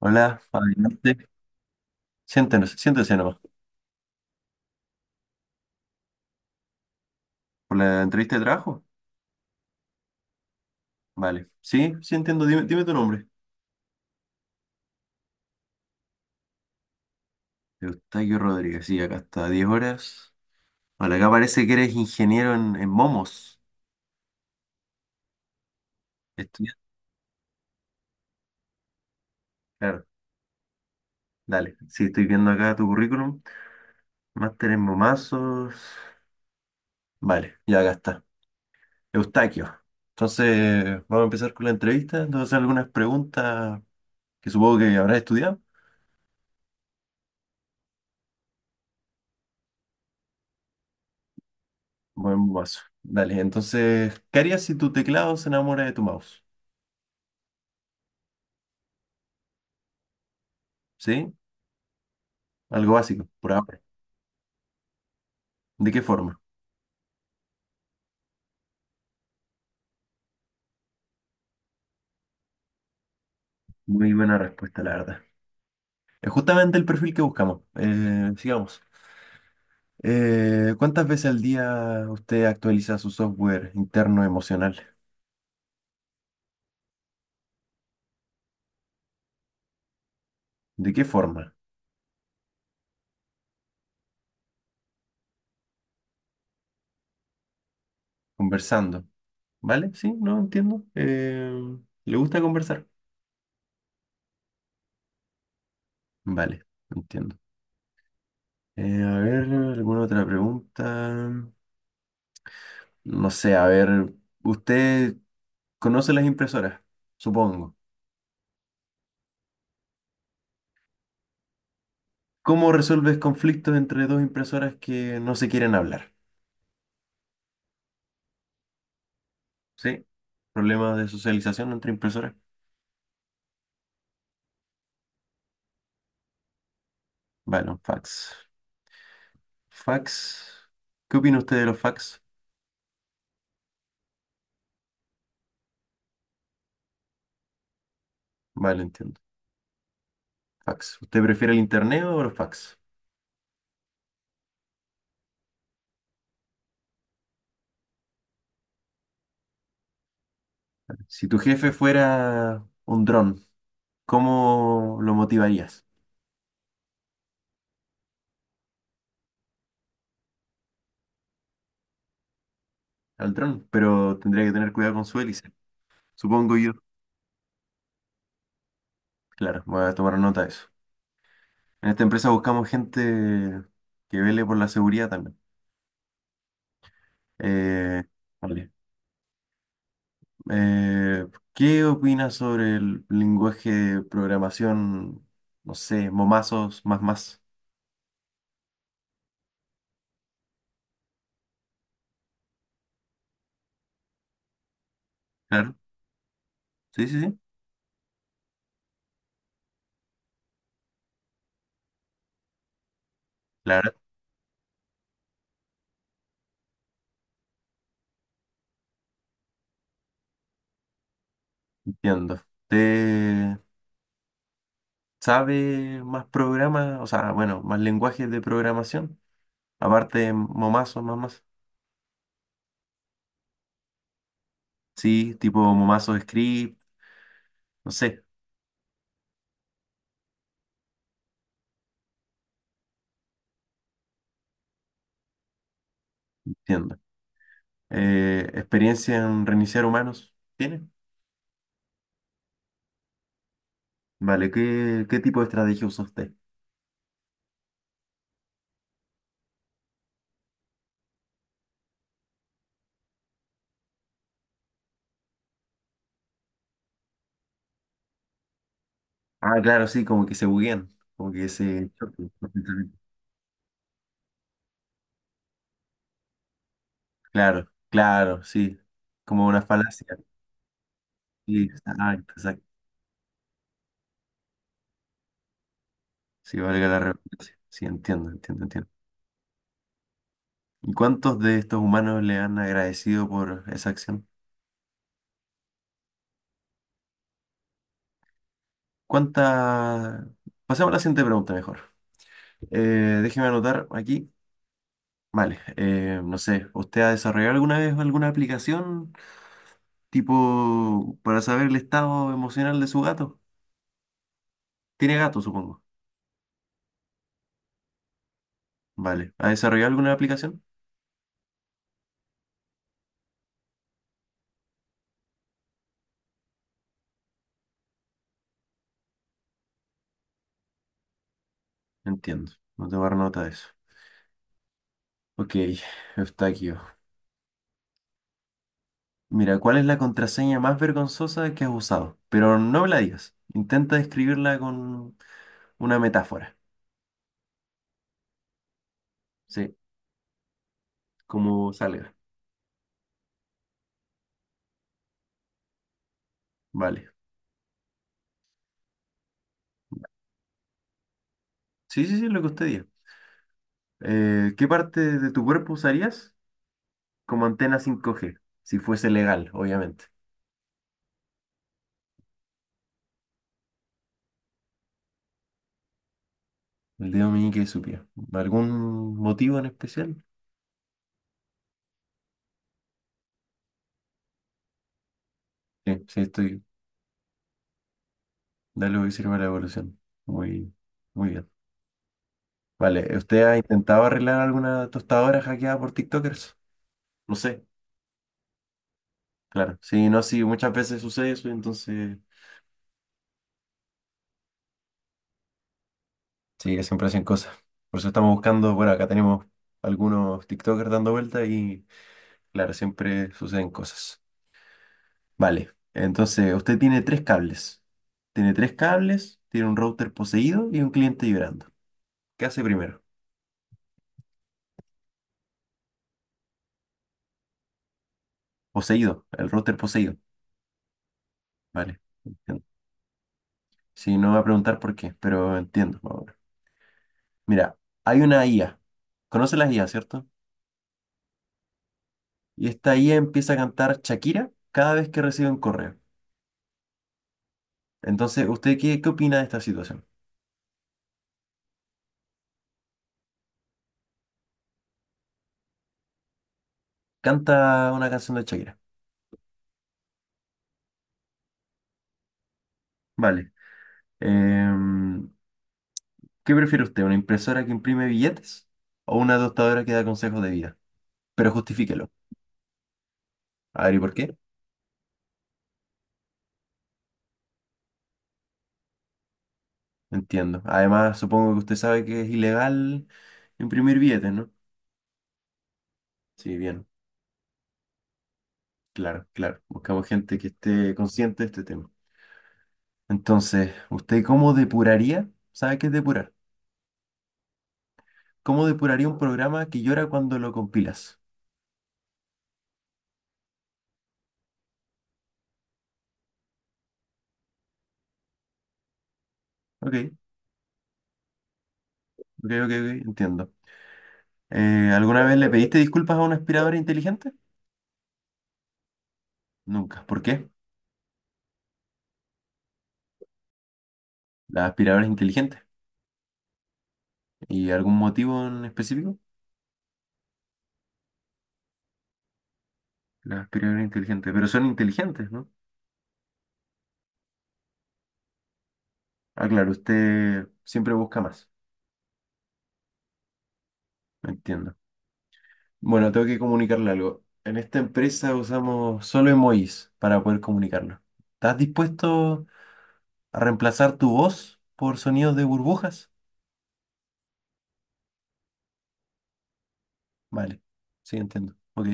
Hola, adelante. Siéntenos, siéntese nomás. ¿Por la entrevista de trabajo? Vale. Sí, sí entiendo. Dime tu nombre. Eustaquio Rodríguez. Sí, acá está. 10 horas. Vale, acá parece que eres ingeniero en momos. Estudiante. Claro. Dale. Sí, estoy viendo acá tu currículum. Máster en momazos. Vale, ya acá está. Eustaquio. Entonces, vamos a empezar con la entrevista. Entonces, algunas preguntas que supongo que habrás estudiado. Buen momazo. Dale, entonces, ¿qué harías si tu teclado se enamora de tu mouse? ¿Sí? Algo básico, por ahora. ¿De qué forma? Muy buena respuesta, la verdad. Es justamente el perfil que buscamos. Sigamos. ¿Cuántas veces al día usted actualiza su software interno emocional? ¿De qué forma? Conversando. ¿Vale? Sí, no entiendo. ¿Le gusta conversar? Vale, entiendo. A ver, ¿alguna otra pregunta? No sé, a ver, ¿usted conoce las impresoras? Supongo. ¿Cómo resuelves conflictos entre dos impresoras que no se quieren hablar? ¿Sí? Problemas de socialización entre impresoras. Vale, un fax. Fax. ¿Qué opina usted de los fax? Vale, entiendo. Fax. ¿Usted prefiere el internet o los fax? Si tu jefe fuera un dron, ¿cómo lo motivarías al dron? Pero tendría que tener cuidado con su hélice, supongo yo. Claro, voy a tomar nota de eso. En esta empresa buscamos gente que vele por la seguridad también. Eh, vale. Eh, ¿Qué opinas sobre el lenguaje de programación, no sé, momazos, más más? Claro, sí. Claro, entiendo. ¿Te sabe más programas, o sea, bueno, más lenguajes de programación? Aparte de momazos, más más. Sí, tipo momazo script, no sé, entiendo. ¿Experiencia en reiniciar humanos? ¿Tiene? Vale, ¿qué tipo de estrategia usa usted? Ah, claro, sí, como que se buguean, como que se chocan. Claro, claro, sí. Como una falacia. Sí, exacto, exacto. Sí, valga la redundancia. Sí, entiendo. ¿Y cuántos de estos humanos le han agradecido por esa acción? ¿Cuánta... Pasemos a la siguiente pregunta mejor. Eh, déjeme anotar aquí. Vale, no sé, ¿usted ha desarrollado alguna vez alguna aplicación tipo para saber el estado emocional de su gato? Tiene gato, supongo. Vale, ¿ha desarrollado alguna aplicación? Entiendo, no tomar nota de eso. Ok, está aquí. Mira, ¿cuál es la contraseña más vergonzosa que has usado? Pero no me la digas. Intenta describirla con una metáfora. Sí, como salga. Vale. Sí, sí, sí, lo que usted diga. ¿Qué parte de tu cuerpo usarías como antena 5G? Si fuese legal, obviamente. El dedo meñique de su pie. ¿Algún motivo en especial? Sí, sí, estoy. Dale que sirve la evolución. Muy, muy bien. Vale, ¿usted ha intentado arreglar alguna tostadora hackeada por TikTokers? No sé. Claro, sí, no, sí, muchas veces sucede eso, entonces sí, que siempre hacen cosas. Por eso estamos buscando, bueno, acá tenemos algunos TikTokers dando vueltas y claro, siempre suceden cosas. Vale, entonces usted tiene tres cables. Tiene tres cables, tiene un router poseído y un cliente vibrando. ¿Qué hace primero? Poseído, el router poseído. Vale, entiendo. Sí, no va a preguntar por qué, pero entiendo. Más. Mira, hay una IA. ¿Conoce las IA, cierto? Y esta IA empieza a cantar Shakira cada vez que recibe un correo. Entonces, usted qué opina de esta situación? Canta una canción de Shakira. Vale. Em, ¿Qué prefiere usted? ¿Una impresora que imprime billetes o una tostadora que da consejos de vida? Pero justifíquelo. A ver, ¿y por qué? Entiendo. Además, supongo que usted sabe que es ilegal imprimir billetes, ¿no? Sí, bien. Claro, claro. Buscamos gente que esté consciente de este tema. Entonces, ¿usted cómo depuraría? ¿Sabe qué es depurar? ¿Cómo depuraría un programa que llora cuando lo compilas? Ok, ok, ok, ok, entiendo. ¿Alguna vez le pediste disculpas a una aspiradora inteligente? Nunca. ¿Por qué? Las aspiradoras inteligentes. ¿Y algún motivo en específico? Las aspiradoras inteligentes. Pero son inteligentes, ¿no? Ah, claro, usted siempre busca más. Entiendo. Bueno, tengo que comunicarle algo. En esta empresa usamos solo emojis para poder comunicarnos. ¿Estás dispuesto a reemplazar tu voz por sonidos de burbujas? Vale. Sí, entiendo. Ok.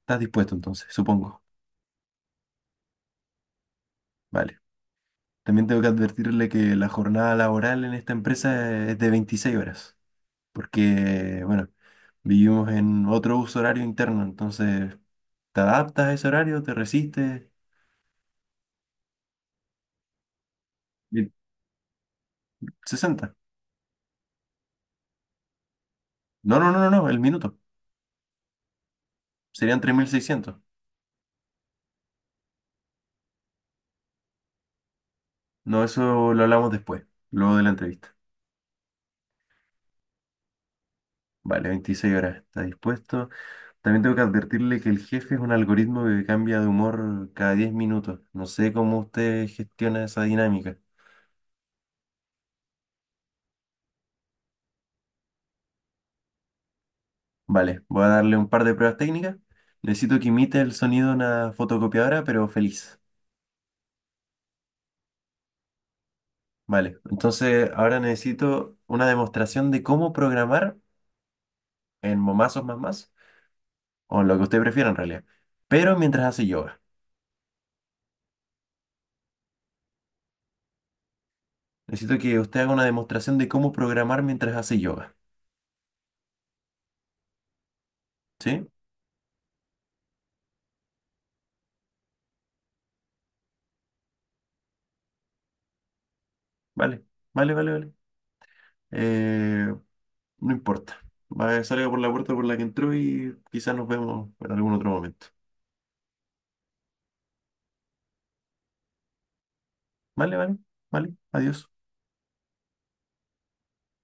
¿Estás dispuesto entonces? Supongo. Vale. También tengo que advertirle que la jornada laboral en esta empresa es de 26 horas, porque, bueno, vivimos en otro uso horario interno, entonces te adaptas a ese horario, te resistes. Y 60. No, el minuto. Serían 3.600. No, eso lo hablamos después, luego de la entrevista. Vale, 26 horas, está dispuesto. También tengo que advertirle que el jefe es un algoritmo que cambia de humor cada 10 minutos. No sé cómo usted gestiona esa dinámica. Vale, voy a darle un par de pruebas técnicas. Necesito que imite el sonido de una fotocopiadora, pero feliz. Vale, entonces ahora necesito una demostración de cómo programar en Momazos más más, o en lo que usted prefiera en realidad, pero mientras hace yoga. Necesito que usted haga una demostración de cómo programar mientras hace yoga. ¿Sí? Vale, vale, vale, vale. Eh, no importa. Va, salga por la puerta por la que entró y quizás nos vemos en algún otro momento. Vale, vale, vale. Adiós.